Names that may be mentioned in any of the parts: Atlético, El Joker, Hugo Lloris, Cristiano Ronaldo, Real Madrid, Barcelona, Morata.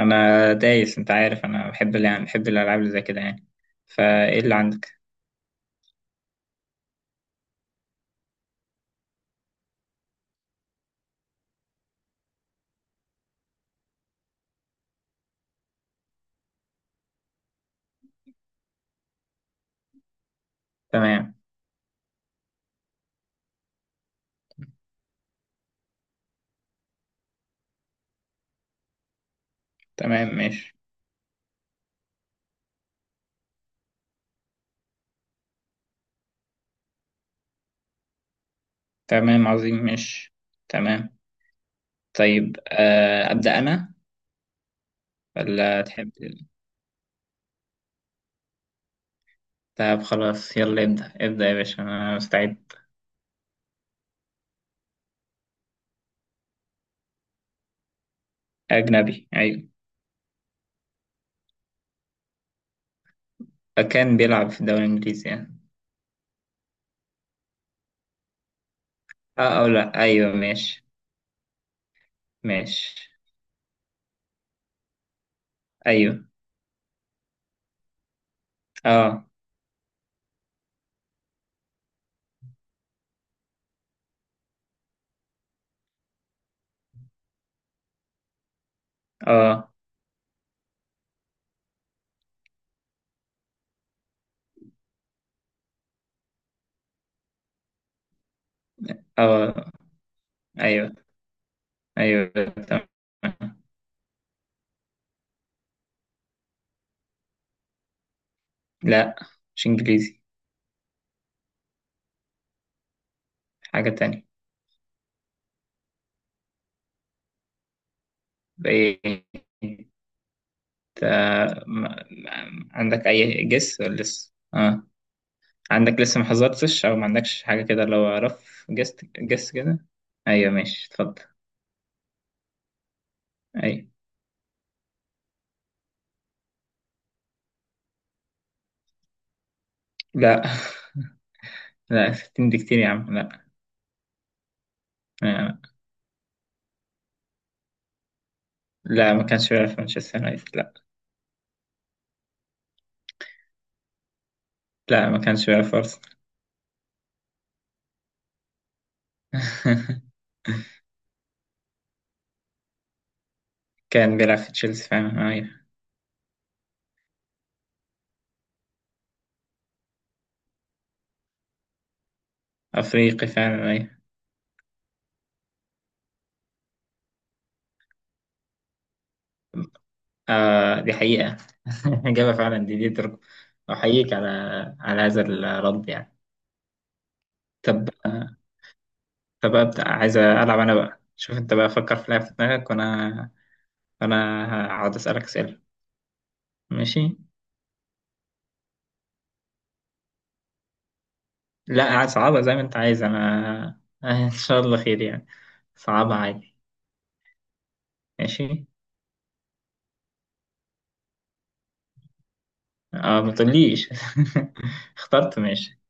انا دايس، انت عارف انا بحب الالعاب اللي زي كده يعني. فايه اللي عندك؟ تمام. تمام ماشي. تمام عظيم ماشي. تمام. طيب، ابدا انا، ولا تحب؟ طب خلاص، يلا ابدا ابدا يا باشا، انا مستعد. اجنبي، ايوه. كان بيلعب في الدوري الانجليزي يعني. اه، او لا، ايوه ماشي. ماشي. ايوه. اه، اه، اه. ايوه، ايوه، تمام. لا، مش انجليزي. حاجه تانية. بقيت. عندك أي جس ولا لسه؟ عندك لسه ما حذرتش أو ما عندكش حاجة كده لو رف جس جس كده؟ أيوه ماشي، اتفضل. أيوه. لا. لا، 60 دي كتير يا عم، لا. آه، لا، ما كانش بيلعب في مانشستر يونايتد، لا. لا، ما كانش بيلعب في أرسنال. كان بيلعب في تشيلسي فعلا، أيوه. أفريقي فعلا، أيوه. آه، دي حقيقة. إجابة فعلا، دي دي درجة. أحييك على هذا الرد يعني. طب، فببدأ عايز ألعب أنا بقى، شوف أنت بقى فكر في لعبة في دماغك وأنا. وأنا هقعد أسألك أسئلة. ماشي. لا، صعبة زي ما أنت عايز، أنا إن شاء الله خير يعني. صعبة عادي. ماشي، أه ما تقوليش. اخترت، ماشي.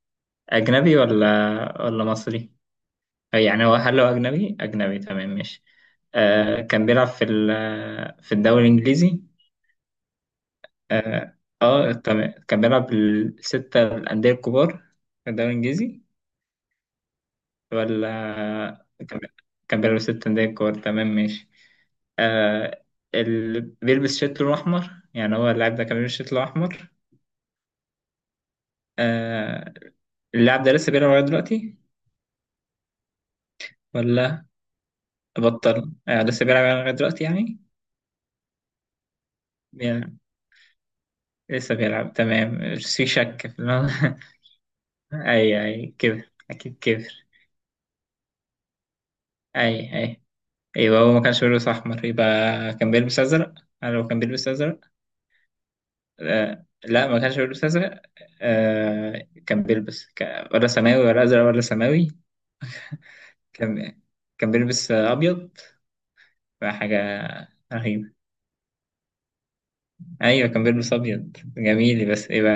أجنبي ولا ولا مصري؟ يعني هل هو أجنبي أجنبي، تمام ماشي. آه، كان بيلعب في الدوري الإنجليزي. اه، تمام، كان بيلعب الستة الأندية الكبار في الدوري الإنجليزي؟ ولا كان كان بيلبس التنديكور، تمام ماشي. آه، اللي بيلبس شيت لونه أحمر يعني، هو اللاعب ده كان بيلبس شيت لونه أحمر؟ آه، اللاعب ده لسه بيلعب لغاية دلوقتي ولا بطل؟ لسه بيلعب يعني لغاية دلوقتي يعني. بي- لسه بيلعب، تمام، مش في شك في الموضوع. أي أي، كده أكيد كبر. أي أي. أيوة، هو ما كانش بيلبس أحمر يبقى كان بيلبس أزرق؟ هل هو كان بيلبس أزرق؟ لا، ما كانش بيلبس أزرق. كان بيلبس ولا سماوي ولا أزرق ولا سماوي؟ كان كان بيلبس أبيض، فحاجة رهيبة. أيوة كان بيلبس أبيض جميل، بس يبقى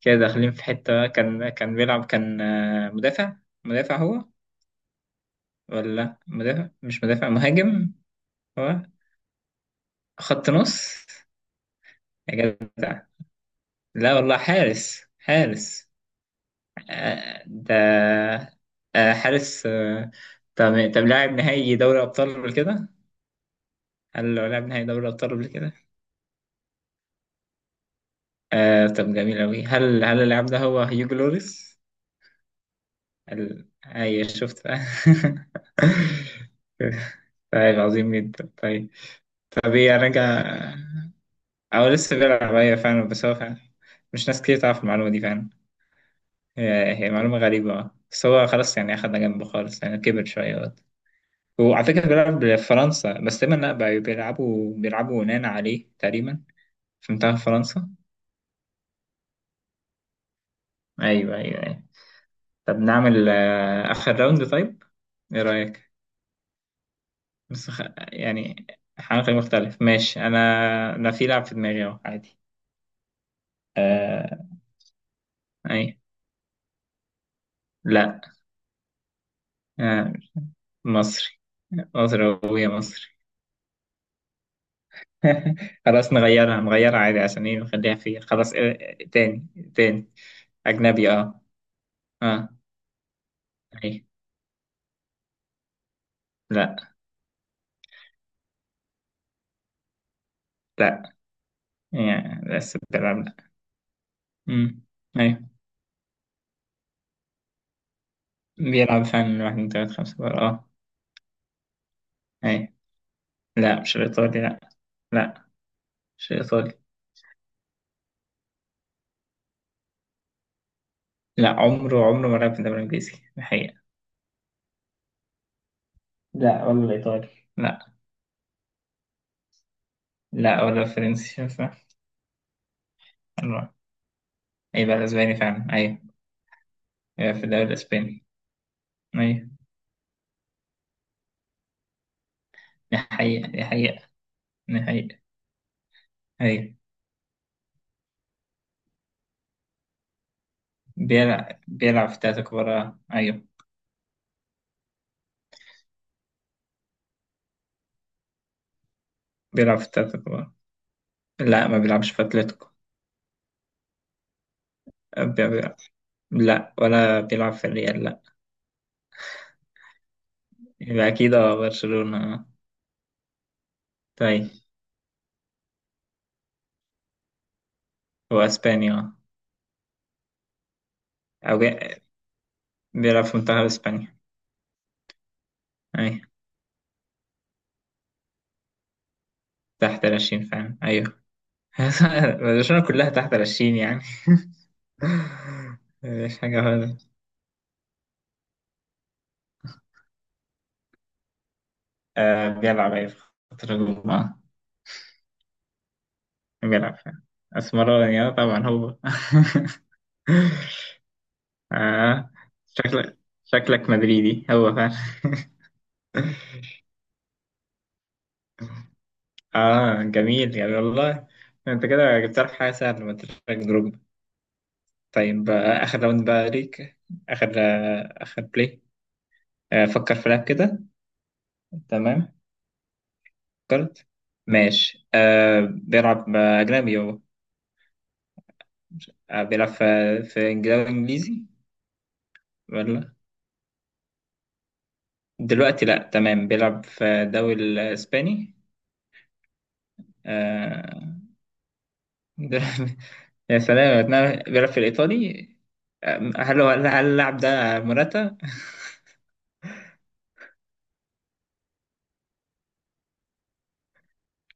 كده داخلين في حتة. كان بيلعب، كان مدافع؟ مدافع هو؟ ولا مدافع، مش مدافع مهاجم. هو خط نص؟ يا جدع، لا والله، حارس حارس. ده حارس. طب، لاعب نهائي دوري ابطال قبل كده؟ هل هو لاعب نهائي دوري ابطال قبل كده؟ طب جميل أوي، هل اللاعب ده هو هيوجو لوريس؟ أيوة، شفت بقى. طيب، عظيم جدا، طيب. طب ايه راجع؟ او لسه بيلعب، ايوه فعلا، بس هو فعلا مش ناس كتير تعرف المعلومة دي فعلا. هي معلومة غريبة، بس هو خلاص يعني، أخدنا جنبه خالص يعني كبر شوية. هو على فكرة بيلعب بفرنسا، بس تقريبا لا، بيلعبوا يونان عليه تقريبا. في منتخب فرنسا. أيوه، أيوه، أيوه. طب نعمل آخر راوند طيب، إيه رأيك؟ بس يعني حاجة مختلف، ماشي. أنا، أنا في لعب في دماغي أهو عادي. آه... أي. لا. آه... مصري. مصري، وهي مصري. خلاص، نغيرها نغيرها عادي عشان إيه، نخليها في خلاص تاني. تاني. أجنبي أه. أه. أي. لا. لا، يعني بس بيلعب، لا. امم. ايوه. بيلعب فعلا من واحد من تلات خمسة بقى، اه. ايوه. لا، مش الإيطالي، لا. لا، مش الإيطالي. لا، عمره ما لعب في الدوري الإنجليزي الحقيقة. لا، ولا الإيطالي. لا. لا، ولا الفرنسي صح. الله، يبقى الأسباني فعلا، أيوة. يبقى في الدوري الأسباني، أيوة. دي حقيقة، دي حقيقة، دي حقيقة. أيوة. بيلعب في التلاتة الكبار، أيوة. بيلعب في التلاتة الكبار. لا، ما بيلعبش في أتلتيكو. بي- بي- لا، ولا بيلعب في الريال. يبقى أكيد، اه برشلونة اه. طيب. هو أسبانيا، اه. أو جا- بيلعب في منتخب أسبانيا. أيوة. تحت 20 فعلا، أيوه. برشلونة كلها تحت 20 يعني. مفيش حاجة خالص. آه بيلعب، أيوة، في خط الهجوم اه. بيلعب فعلا أسمراني، اه طبعا هو آه، شكلك شكلك مدريدي هو فعلا اه جميل يعني والله، انت كده جبت لك حاجة سهلة ما تشارك. طيب، آخر راوند بقى ليك. آخر بلاي. فكر في لعب كده. تمام، فكرت. ماشي، بيلعب أجنبي هو؟ بيلعب في دوري إنجليزي ولا؟ دلوقتي لأ، تمام، بيلعب في الدوري الإسباني. آه. دل- يا سلام، بيلعب في الإيطالي. هل اللاعب ده موراتا؟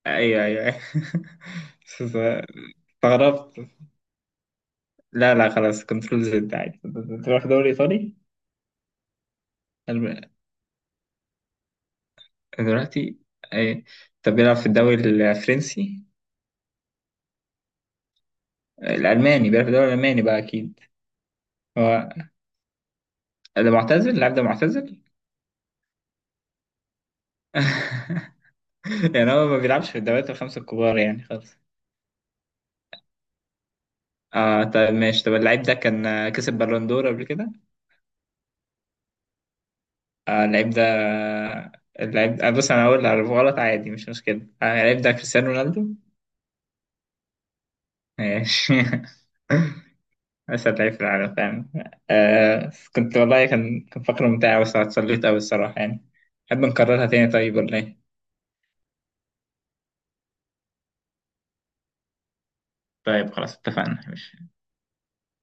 أيوه أيوه. استغربت. لا لا، خلاص، كنترول زد عادي. تروح دوري إيطالي؟ الب- دلوقتي، ايه؟ طب بيلعب في الدوري الفرنسي؟ الألماني؟ بيلعب في الدوري الألماني بقى أكيد؟ هو ده معتزل، اللاعب ده معتزل؟ يعني هو ما بيلعبش في الدوريات الخمسة الكبار يعني خالص؟ اه طب ماشي، طب اللعيب ده كان كسب بالون دور قبل كده؟ آه اللعيب ده اللعيب ده، بص، أنا هقول أعرف غلط عادي، مش مشكلة. اللعيب ده كريستيانو رونالدو. ماشي أسعد لعيب في العالم فعلا. آه، كنت والله كان فقرة ممتعة، بس اتسليت أوي الصراحة يعني، نحب نكررها تاني، طيب ولا إيه؟ طيب خلاص، اتفقنا.